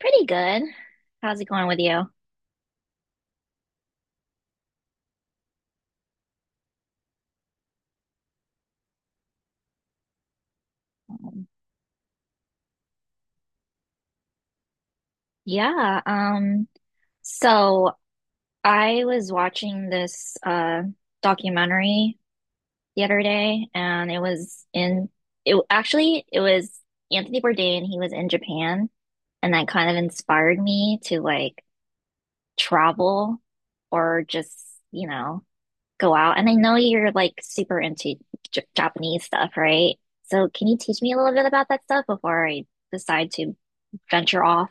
Pretty good. How's it going with you? Um, Yeah, um, so I was watching this documentary the other day and it actually, it was Anthony Bourdain. He was in Japan and that kind of inspired me to like travel or just, you know, go out. And I know you're like super into J Japanese stuff, right? So can you teach me a little bit about that stuff before I decide to venture off?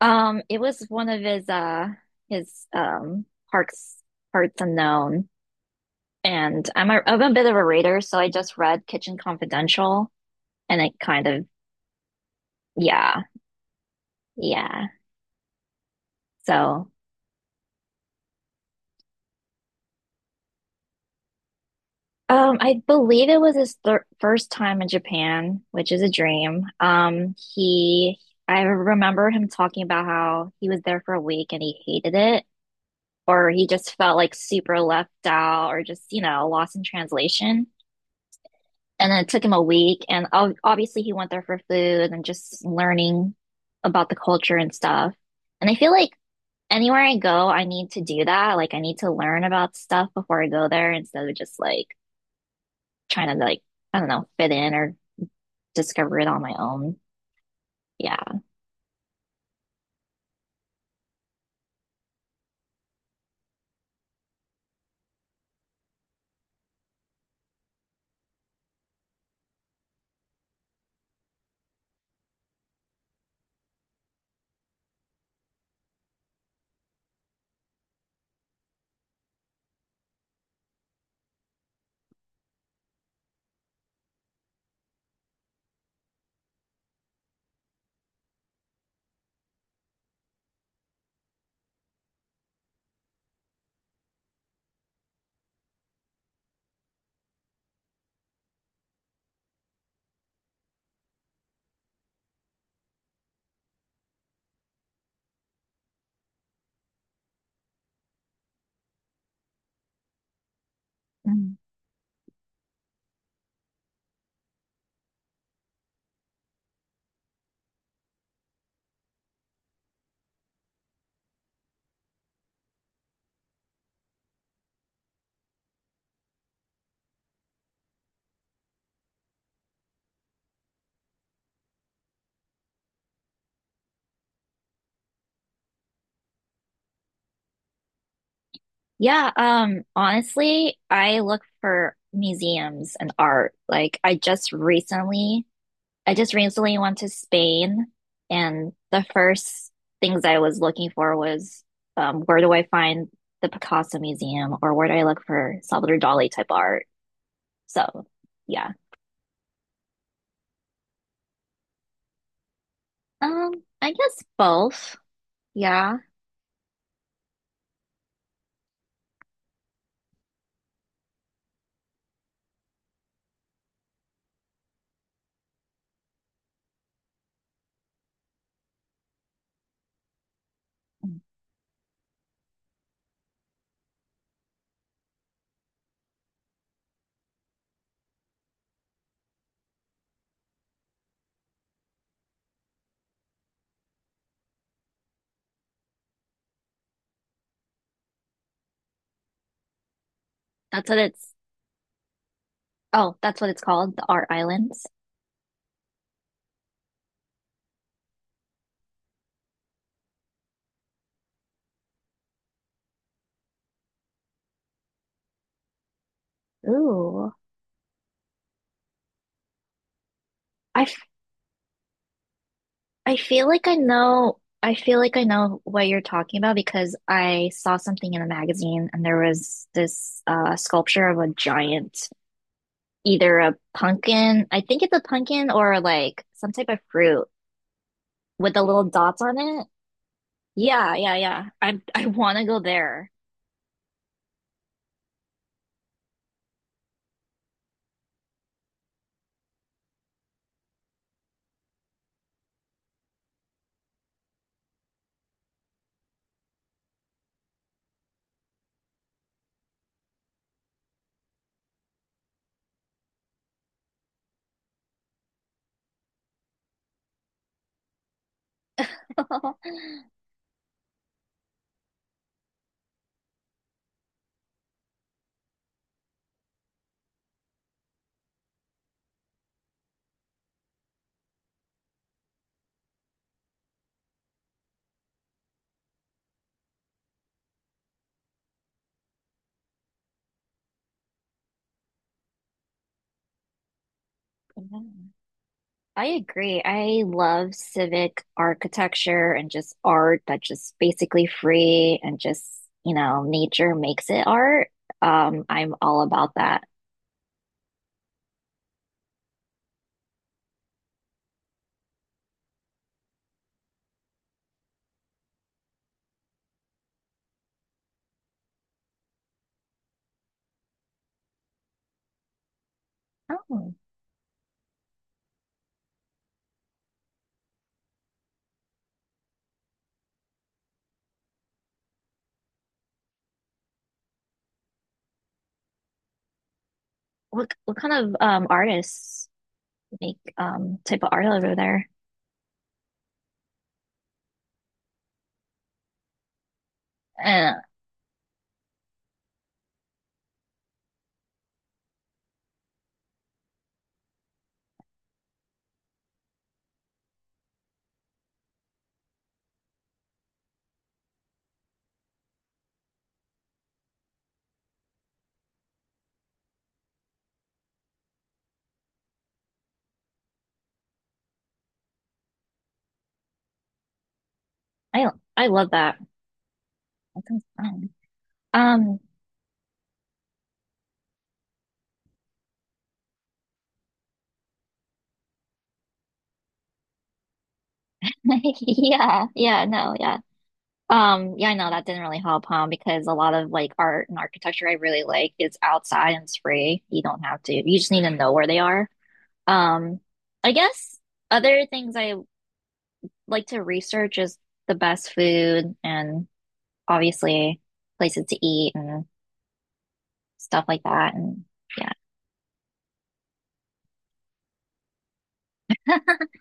It was one of his parts unknown. And I'm a bit of a reader, so I just read Kitchen Confidential, and it kind of, yeah, yeah. So I believe it was his thir first time in Japan, which is a dream. He I remember him talking about how he was there for a week and he hated it, or he just felt like super left out or just, you know, lost in translation. And then it took him a week. And obviously, he went there for food and just learning about the culture and stuff. And I feel like anywhere I go, I need to do that. Like, I need to learn about stuff before I go there instead of just like trying to, like, I don't know, fit in or discover it on my own. Yeah. Mm. Yeah. Honestly, I look for museums and art. Like, I just recently went to Spain, and the first things I was looking for was, where do I find the Picasso Museum, or where do I look for Salvador Dali type art? So, yeah. Um, I guess both. Yeah. That's what it's, oh, that's what it's called, the Art Islands. Ooh. I, f- I feel like I know what you're talking about, because I saw something in a magazine and there was this, sculpture of a giant either a pumpkin, I think it's a pumpkin, or like some type of fruit with the little dots on it. Yeah, yeah, yeah. I want to go there. Yeah, I agree. I love civic architecture and just art that's just basically free and just, you know, nature makes it art. I'm all about that. Oh, what what kind of artists make type of art over there? Uh, I I love that. That sounds fun. Um, yeah, yeah, no, yeah. Yeah, I know that didn't really help, huh? Because a lot of like art and architecture I really like is outside and it's free. You don't have to, you just need to know where they are. Um, I guess other things I like to research is the best food and obviously places to eat and stuff like that. And yeah,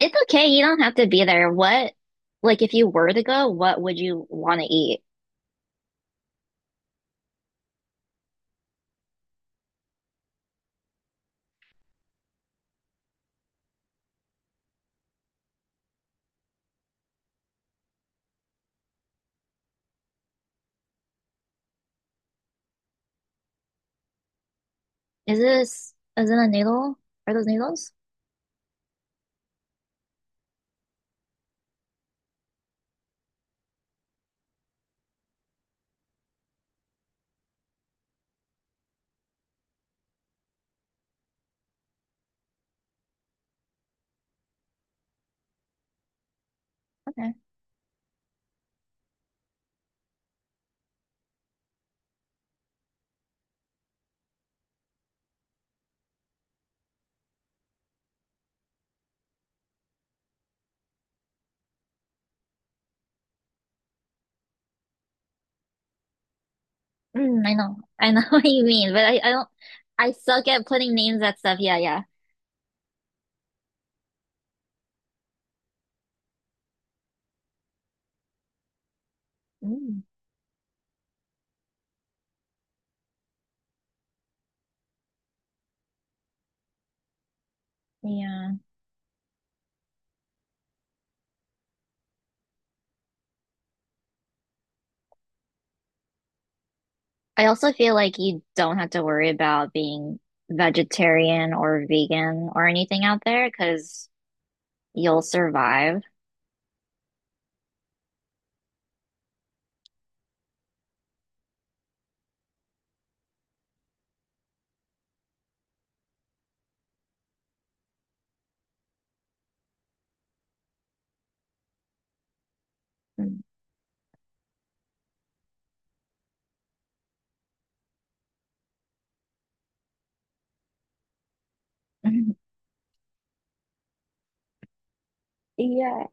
it's okay. You don't have to be there. What, like, if you were to go, what would you want to eat? Is this is it a needle? Are those needles? Okay. Mm, I know. I know what you mean, but I don't, I suck at putting names at stuff. Yeah, yeah. Mm, yeah. I also feel like you don't have to worry about being vegetarian or vegan or anything out there, because you'll survive. Mm. Yeah.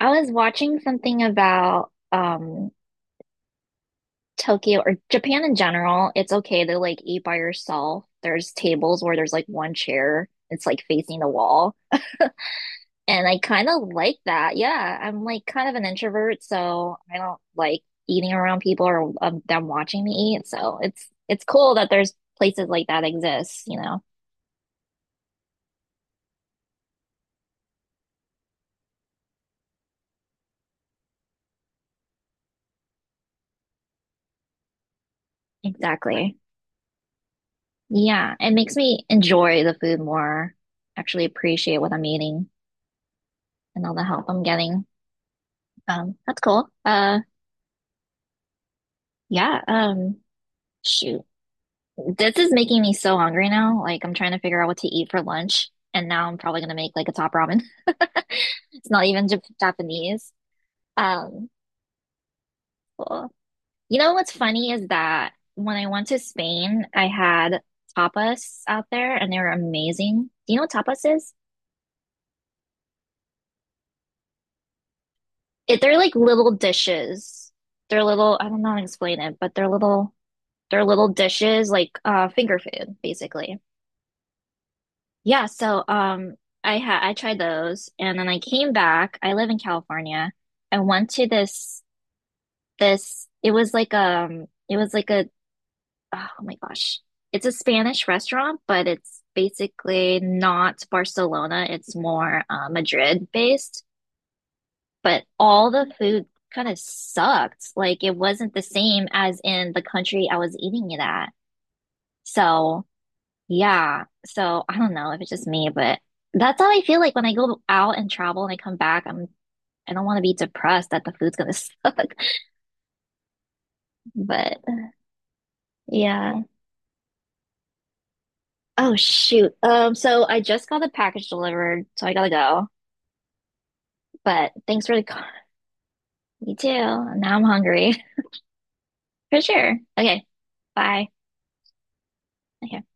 I was watching something about Tokyo or Japan in general, it's okay to like eat by yourself. There's tables where there's like one chair, it's like facing the wall. And I kind of like that. Yeah, I'm like kind of an introvert, so I don't like eating around people or, them watching me eat. So it's cool that there's places like that exist, you know. Exactly. Yeah, it makes me enjoy the food more, actually appreciate what I'm eating and all the help I'm getting. That's cool. Yeah, um, shoot. This is making me so hungry now. Like I'm trying to figure out what to eat for lunch, and now I'm probably gonna make like a top ramen. It's not even Japanese. Um, cool. You know what's funny is that when I went to Spain, I had tapas out there, and they were amazing. Do you know what tapas is? It, they're like little dishes. They're little. I don't know how to explain it, but they're little. They're little dishes, like, finger food, basically. Yeah, so I tried those and then I came back. I live in California. I went to this this it was like a oh my gosh. It's a Spanish restaurant, but it's basically not Barcelona. It's more, Madrid based, but all the food kind of sucked. Like it wasn't the same as in the country I was eating it at. So yeah. So I don't know if it's just me, but that's how I feel like when I go out and travel and I come back, I don't want to be depressed that the food's gonna suck. But yeah. Oh shoot. So I just got the package delivered, so I gotta go. But thanks for the call. You too. Now I'm hungry. For sure. Okay. Bye. Okay.